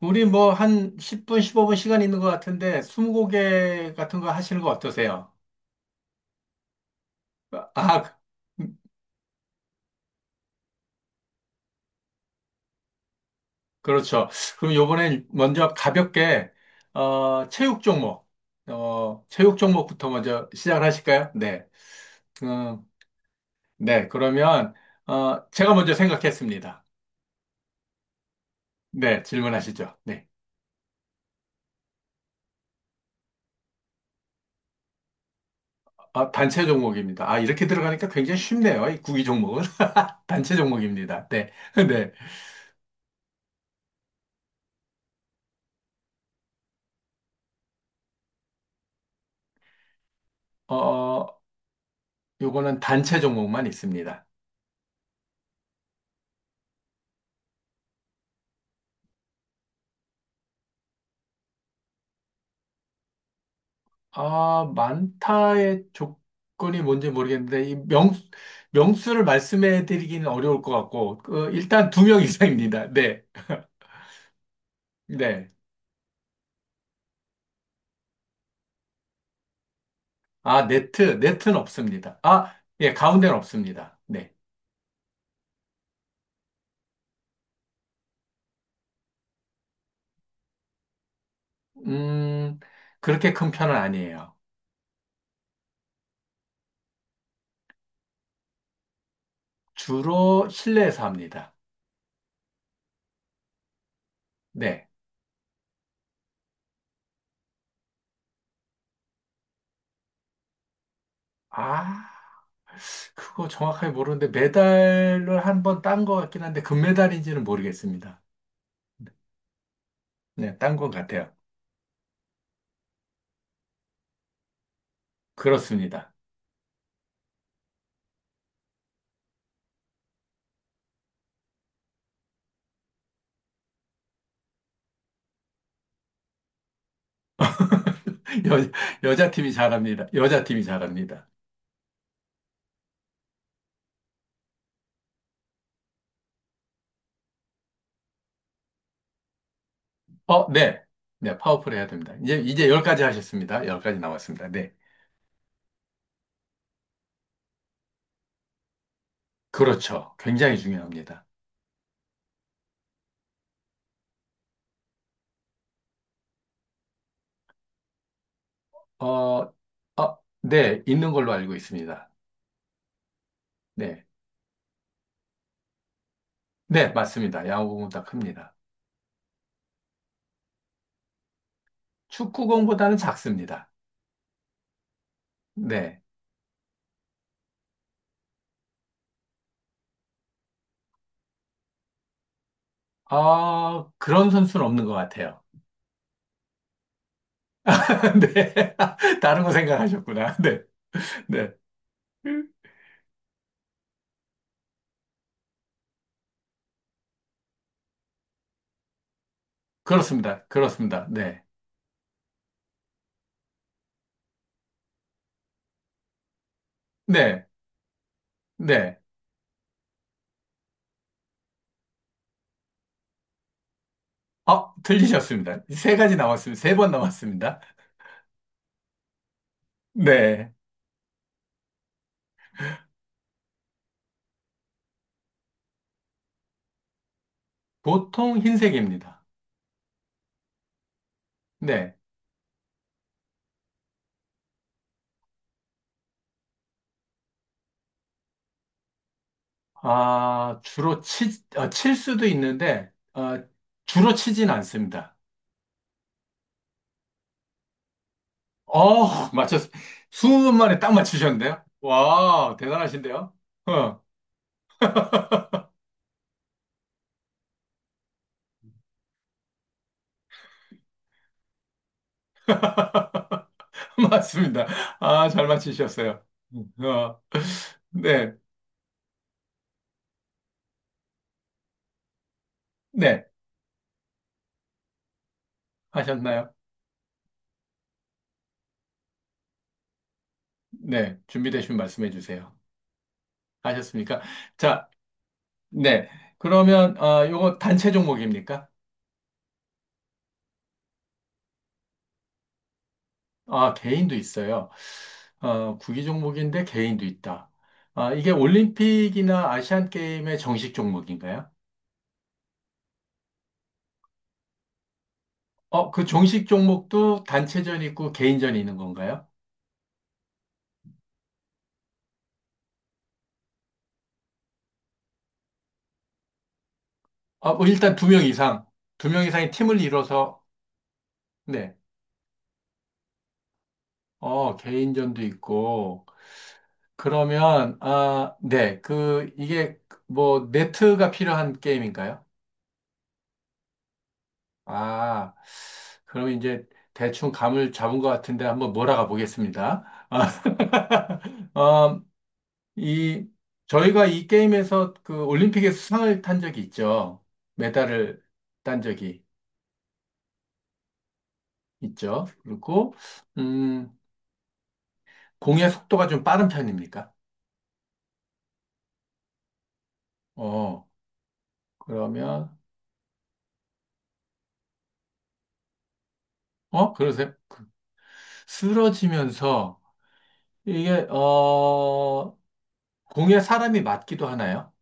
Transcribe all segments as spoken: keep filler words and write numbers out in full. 우리 뭐 한 십 분, 십오 분 시간 있는 것 같은데 스무고개 같은 거 하시는 거 어떠세요? 아, 그- 음, 그렇죠. 그럼 요번엔 먼저 가볍게 어, 체육 종목, 어, 체육 종목부터 먼저 시작을 하실까요? 네. 음, 네. 그러면 어, 제가 먼저 생각했습니다. 네, 질문하시죠. 네. 아, 단체 종목입니다. 아, 이렇게 들어가니까 굉장히 쉽네요. 이 구기 종목은 단체 종목입니다. 네. 네. 어, 요거는 단체 종목만 있습니다. 아, 많다의 조건이 뭔지 모르겠는데, 이 명, 명수를 말씀해 드리기는 어려울 것 같고, 그, 일단 두 명 이상입니다. 네, 네. 아, 네트, 네트는 없습니다. 아, 예, 가운데는 없습니다. 네. 음, 그렇게 큰 편은 아니에요. 주로 실내에서 합니다. 네. 아, 그거 정확하게 모르는데, 메달을 한 번 딴 것 같긴 한데, 금메달인지는 모르겠습니다. 네, 딴 것 같아요. 그렇습니다. 여, 여자 팀이 잘합니다. 여자 팀이 잘합니다. 어, 네. 네, 파워풀 해야 됩니다. 이제, 이제 열 가지 하셨습니다. 열 가지 남았습니다. 네. 그렇죠. 굉장히 중요합니다. 어, 어, 네. 있는 걸로 알고 있습니다. 네. 네, 맞습니다. 야구공보다 큽니다. 축구공보다는 작습니다. 네. 아, 그런 선수는 없는 것 같아요. 네. 다른 거 생각하셨구나. 네. 네. 그렇습니다. 그렇습니다. 네. 네. 네. 아, 틀리셨습니다. 세 가지 남았습니다. 세 번 남았습니다. 네. 보통 흰색입니다. 네. 아, 주로 치, 아, 칠 수도 있는데, 아, 주로 치진 않습니다. 어, 맞췄, 이십 분 만에 딱 맞추셨는데요? 와, 대단하신데요? 어, 맞습니다. 아, 잘 맞추셨어요. 어, 네. 네. 하셨나요? 네. 준비되시면 말씀해 주세요. 하셨습니까? 자. 네. 그러면 어, 요거 단체 종목입니까? 아, 개인도 있어요. 어, 구기 종목인데 개인도 있다. 아, 이게 올림픽이나 아시안 게임의 정식 종목인가요? 어, 그 정식 종목도 단체전 있고 개인전이 있는 건가요? 아, 뭐 일단 두 명 이상, 두 명 이상의 팀을 이뤄서 네. 어, 개인전도 있고 그러면 아, 네. 그 이게 뭐 네트가 필요한 게임인가요? 아, 그럼 이제 대충 감을 잡은 것 같은데 한번 몰아가 보겠습니다. 아, 어, 이, 저희가 이 게임에서 그 올림픽에서 수상을 탄 적이 있죠. 메달을 딴 적이 있죠. 그리고, 음, 공의 속도가 좀 빠른 편입니까? 어, 그러면, 어, 그러세요? 쓰러지면서 이게, 어, 공에 사람이 맞기도 하나요?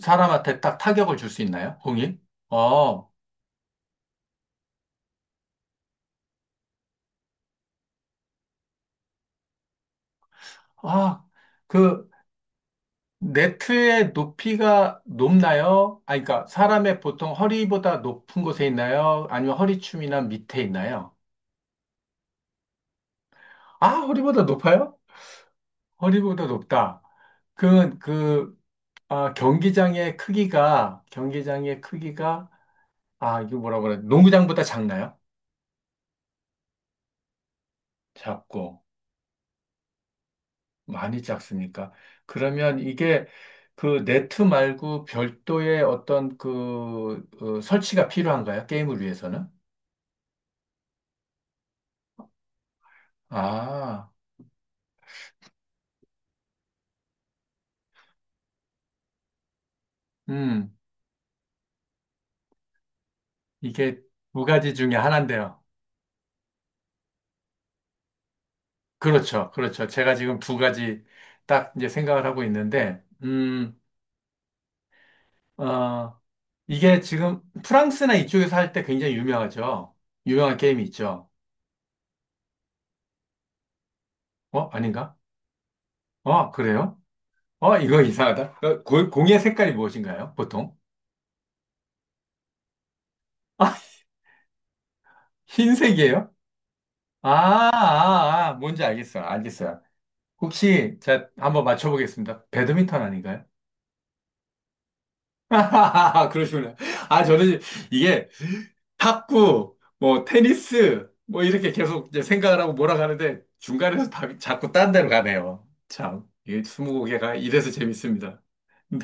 사람한테 딱 타격을 줄 수 있나요? 공이? 어, 아, 그 네트의 높이가 높나요? 아, 그러니까 사람의 보통 허리보다 높은 곳에 있나요? 아니면 허리춤이나 밑에 있나요? 아, 허리보다 높아요? 허리보다 높다. 그, 그, 아, 경기장의 크기가, 경기장의 크기가, 아, 이거 뭐라 그래? 농구장보다 작나요? 작고, 많이 작습니까? 그러면 이게 그 네트 말고 별도의 어떤 그, 어, 설치가 필요한가요? 게임을 위해서는? 아, 음, 이게 두 가지 중에 하나인데요. 그렇죠, 그렇죠. 제가 지금 두 가지 딱 이제 생각을 하고 있는데, 음, 어, 이게 지금 프랑스나 이쪽에서 할 때 굉장히 유명하죠. 유명한 게임이 있죠. 어, 아닌가? 어, 그래요? 어, 이거 이상하다. 어, 고- 공의 색깔이 무엇인가요, 보통? 아, 흰색이에요? 아, 아, 아, 뭔지 알겠어요. 알겠어요. 혹시 제가 한번 맞춰보겠습니다. 배드민턴 아닌가요? 그러시구나. 아, 저는 이게 탁구, 뭐, 테니스, 뭐, 이렇게 계속 이제 생각을 하고 몰아가는데 중간에서 답이 자꾸 딴 데로 가네요. 참, 이게 스무고개가 이래서 재밌습니다. 네,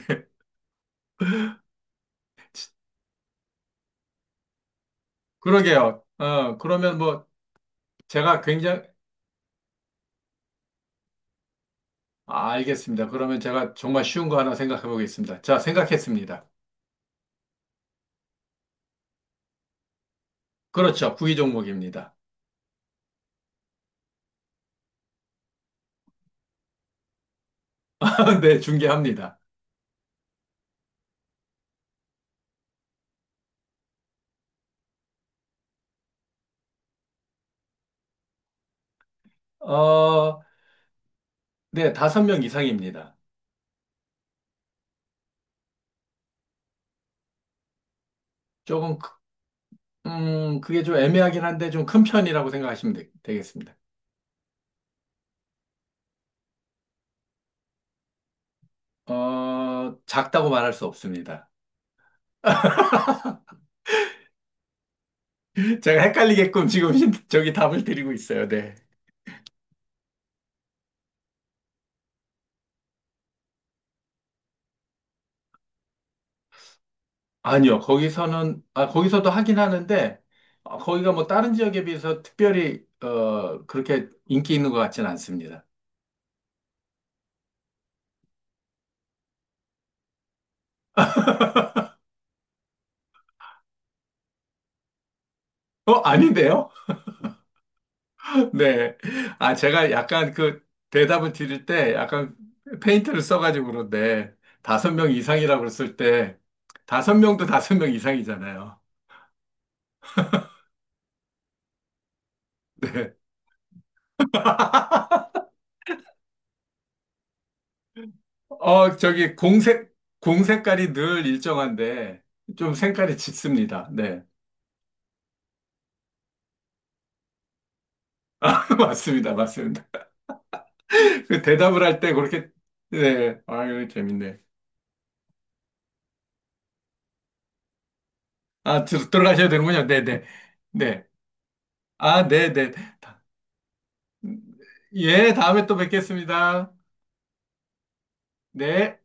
치- 그러게요. 어, 그러면 뭐, 제가 굉장히, 아, 알겠습니다. 그러면 제가 정말 쉬운 거 하나 생각해 보겠습니다. 자, 생각했습니다. 그렇죠. 구기 종목입니다. 네, 중계합니다. 어, 네, 다섯 명 이상입니다. 조금 크- 음, 그게 좀 애매하긴 한데 좀 큰 편이라고 생각하시면 되, 겠습니다 어, 작다고 말할 수 없습니다. 제가 헷갈리게끔 지금 신- 저기 답을 드리고 있어요. 네. 아니요, 거기서는, 아, 거기서도 하긴 하는데, 어, 거기가 뭐 다른 지역에 비해서 특별히, 어, 그렇게 인기 있는 것 같진 않습니다. 어, 아닌데요? 네. 아, 제가 약간 그 대답을 드릴 때 약간 페인트를 써가지고 그런데 다섯 명 이상이라고 그랬을 때 다섯 명도 다섯 명 이상이잖아요. 네. 어, 저기 공색, 공색깔이 늘 일정한데 좀 색깔이 짙습니다. 네. 아, 맞습니다. 맞습니다. 그 대답을 할 때 그렇게, 네. 아유, 재밌네. 아, 들- 들어가셔야 되는군요. 네네. 네. 네. 네. 아, 네네. 예, 다음에 또 뵙겠습니다. 네.